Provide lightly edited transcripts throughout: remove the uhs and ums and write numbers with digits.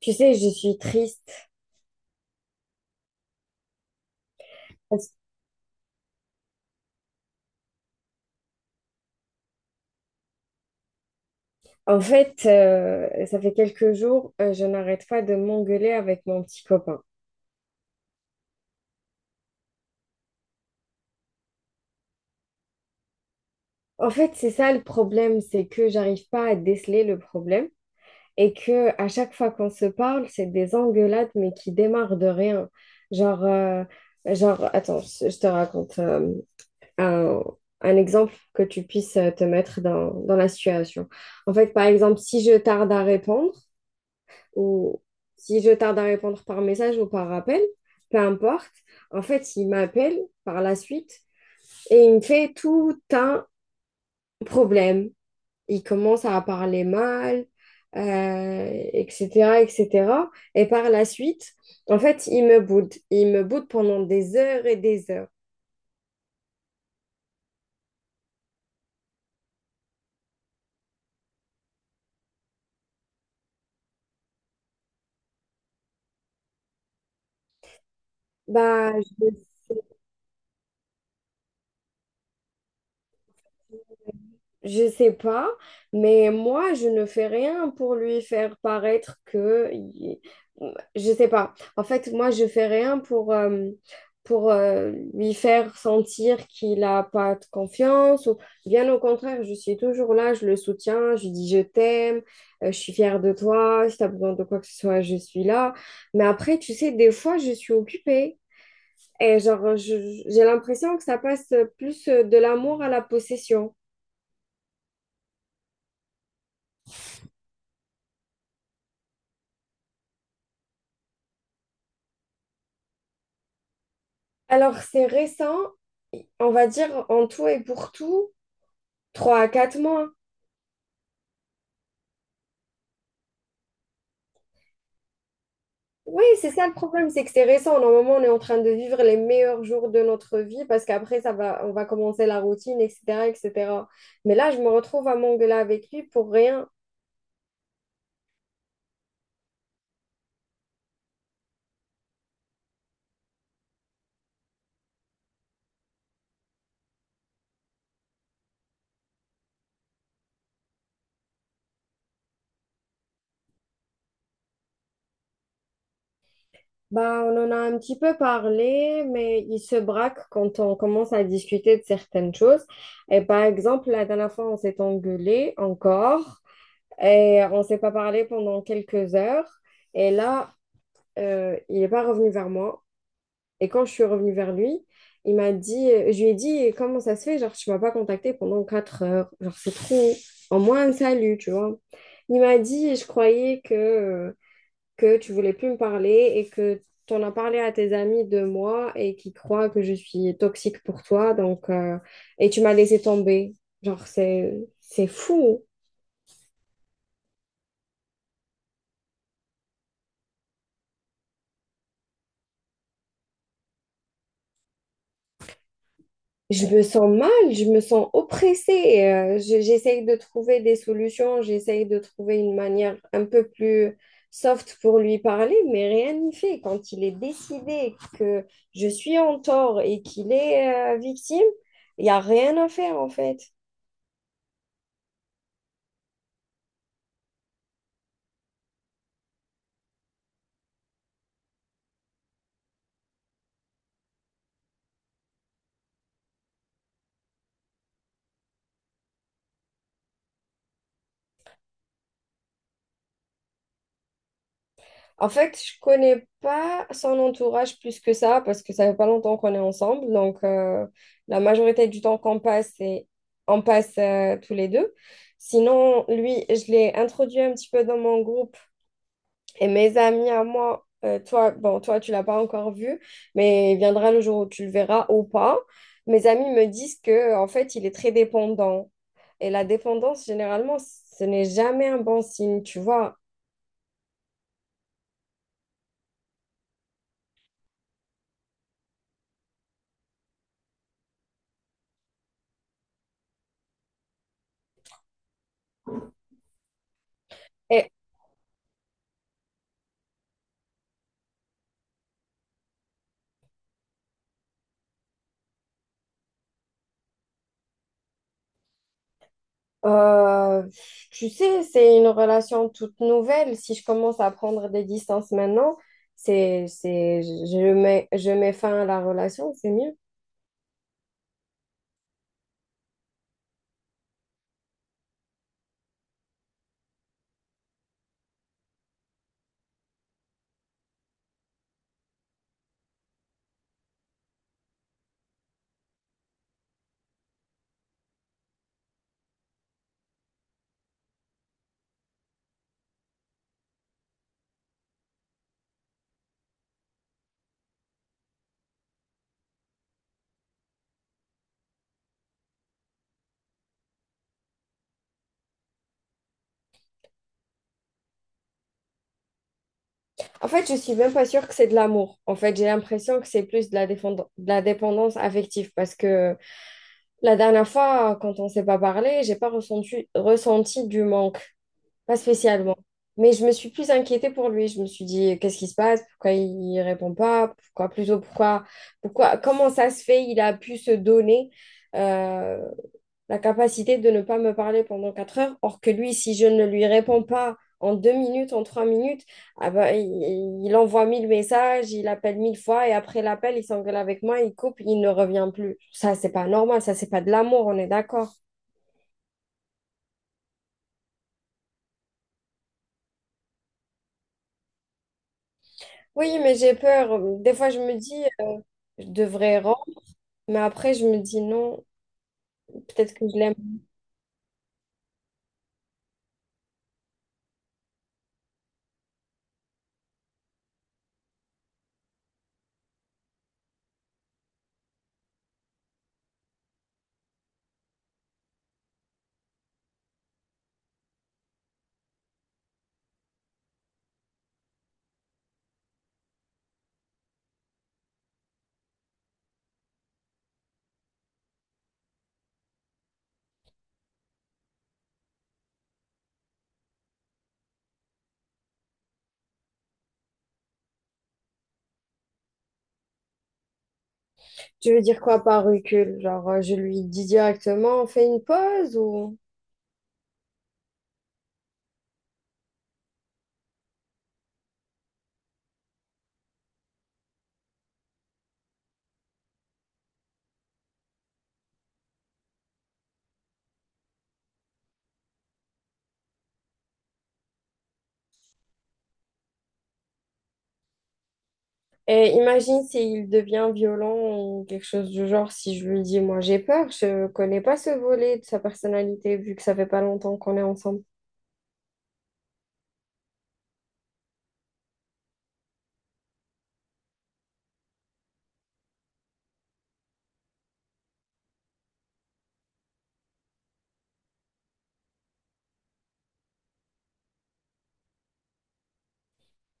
Tu sais, je suis triste. Parce- Ça fait quelques jours, je n'arrête pas de m'engueuler avec mon petit copain. En fait, c'est ça le problème, c'est que j'arrive pas à déceler le problème et que à chaque fois qu'on se parle, c'est des engueulades mais qui démarrent de rien. Genre, euh, attends, je te raconte un, un exemple que tu puisses te mettre dans la situation. En fait, par exemple, si je tarde à répondre. Ou si je tarde à répondre par message ou par appel, peu importe, en fait, il m'appelle par la suite et il me fait tout un problème. Il commence à parler mal, etc., etc. Et cetera. Et par la suite, en fait, il me boude. Il me boude pendant des heures et des heures. Bah, je- Je sais pas, mais moi, je ne fais rien pour lui faire paraître que... Je sais pas. En fait, moi, je fais rien pour, lui faire sentir qu'il n'a pas de confiance. Ou... Bien au contraire, je suis toujours là, je le soutiens, je lui dis je t'aime, je suis fière de toi, si tu as besoin de quoi que ce soit, je suis là. Mais après, tu sais, des fois, je suis occupée. Et j'ai l'impression que ça passe plus de l'amour à la possession. Alors, c'est récent, on va dire en tout et pour tout, 3 à 4 mois. Oui, c'est ça le problème, c'est que c'est récent. Normalement, on est en train de vivre les meilleurs jours de notre vie parce qu'après, ça va, on va commencer la routine, etc., etc. Mais là, je me retrouve à m'engueuler avec lui pour rien. Bah, on en a un petit peu parlé, mais il se braque quand on commence à discuter de certaines choses. Et par exemple, la dernière fois, on s'est engueulé encore et on s'est pas parlé pendant quelques heures. Et là, il n'est pas revenu vers moi. Et quand je suis revenue vers lui, je lui ai dit, comment ça se fait? Genre, tu ne m'as pas contacté pendant 4 heures. Genre, c'est trop. En moins un salut, tu vois. Il m'a dit, que tu ne voulais plus me parler et que tu en as parlé à tes amis de moi et qui croient que je suis toxique pour toi. Et tu m'as laissé tomber. Genre, c'est, c'est fou. Je me sens mal, je me sens oppressée. J'essaye de trouver des solutions, j'essaye de trouver une manière un peu plus soft pour lui parler, mais rien n'y fait. Quand il est décidé que je suis en tort et qu'il est victime, il n'y a rien à faire en fait. En fait, je connais pas son entourage plus que ça parce que ça fait pas longtemps qu'on est ensemble. La majorité du temps qu'on passe, c'est on passe tous les deux. Sinon, lui, je l'ai introduit un petit peu dans mon groupe et mes amis à moi. Toi, bon, toi, tu l'as pas encore vu, mais il viendra le jour où tu le verras ou pas. Mes amis me disent que, en fait, il est très dépendant. Et la dépendance, généralement, ce n'est jamais un bon signe, tu vois. Et Euh, Tu sais, c'est une relation toute nouvelle. Si je commence à prendre des distances maintenant, je mets fin à la relation, c'est mieux. En fait, je suis même pas sûre que c'est de l'amour. En fait, j'ai l'impression que c'est plus de la dépendance affective parce que la dernière fois, quand on s'est pas parlé, j'ai pas ressenti, ressenti du manque. Pas spécialement. Mais je me suis plus inquiétée pour lui. Je me suis dit, qu'est-ce qui se passe? Pourquoi il répond pas? Pourquoi comment ça se fait? Il a pu se donner euh, la capacité de ne pas me parler pendant 4 heures. Or que lui, si je ne lui réponds pas en 2 minutes, en 3 minutes, ah bah, il envoie 1000 messages, il appelle 1000 fois et après l'appel, il s'engueule avec moi, il coupe, il ne revient plus. Ça, c'est pas normal. Ça, c'est pas de l'amour. On est d'accord. Oui, mais j'ai peur. Des fois, je me dis, je devrais Mais après, je me dis non, peut-être que je l'aime. Tu veux dire quoi par recul? Je lui dis directement, on fait une pause ou... Et imagine s'il devient violent ou quelque chose du genre, si je lui dis, moi j'ai peur, je connais pas ce volet de sa personnalité vu que ça fait pas longtemps qu'on est ensemble.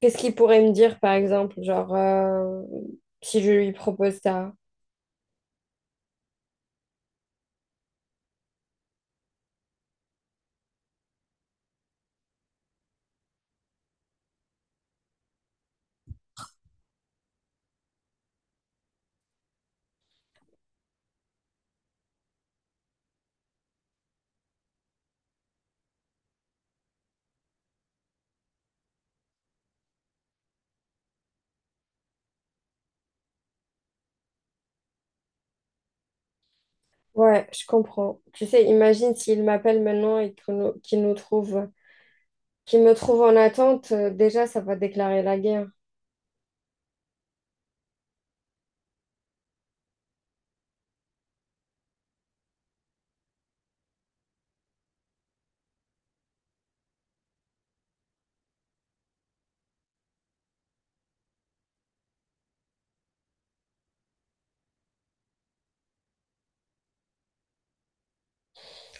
Qu'est-ce qu'il pourrait me dire par exemple, si je lui propose ça? Ouais, je comprends. Tu sais, imagine s'il m'appelle maintenant et qu'il nous trouve qui me trouve en attente, déjà, ça va déclarer la guerre.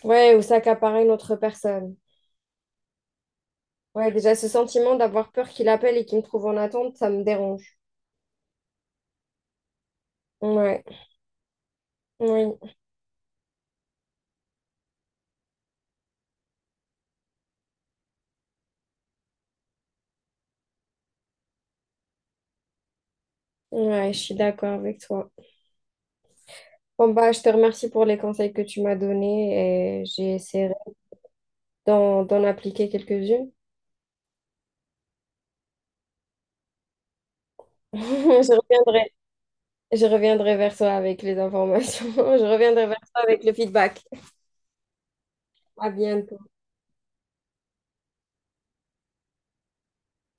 Ouais, ou s'accaparer une autre personne. Ouais, déjà, ce sentiment d'avoir peur qu'il appelle et qu'il me trouve en attente, ça me dérange. Ouais, oui, ouais, je suis d'accord avec toi. Bon, bah, je te remercie pour les conseils que tu m'as donnés et j'ai essayé d'en appliquer quelques-unes. Je reviendrai. Je reviendrai vers toi avec les informations. Je reviendrai vers toi avec le feedback. À bientôt.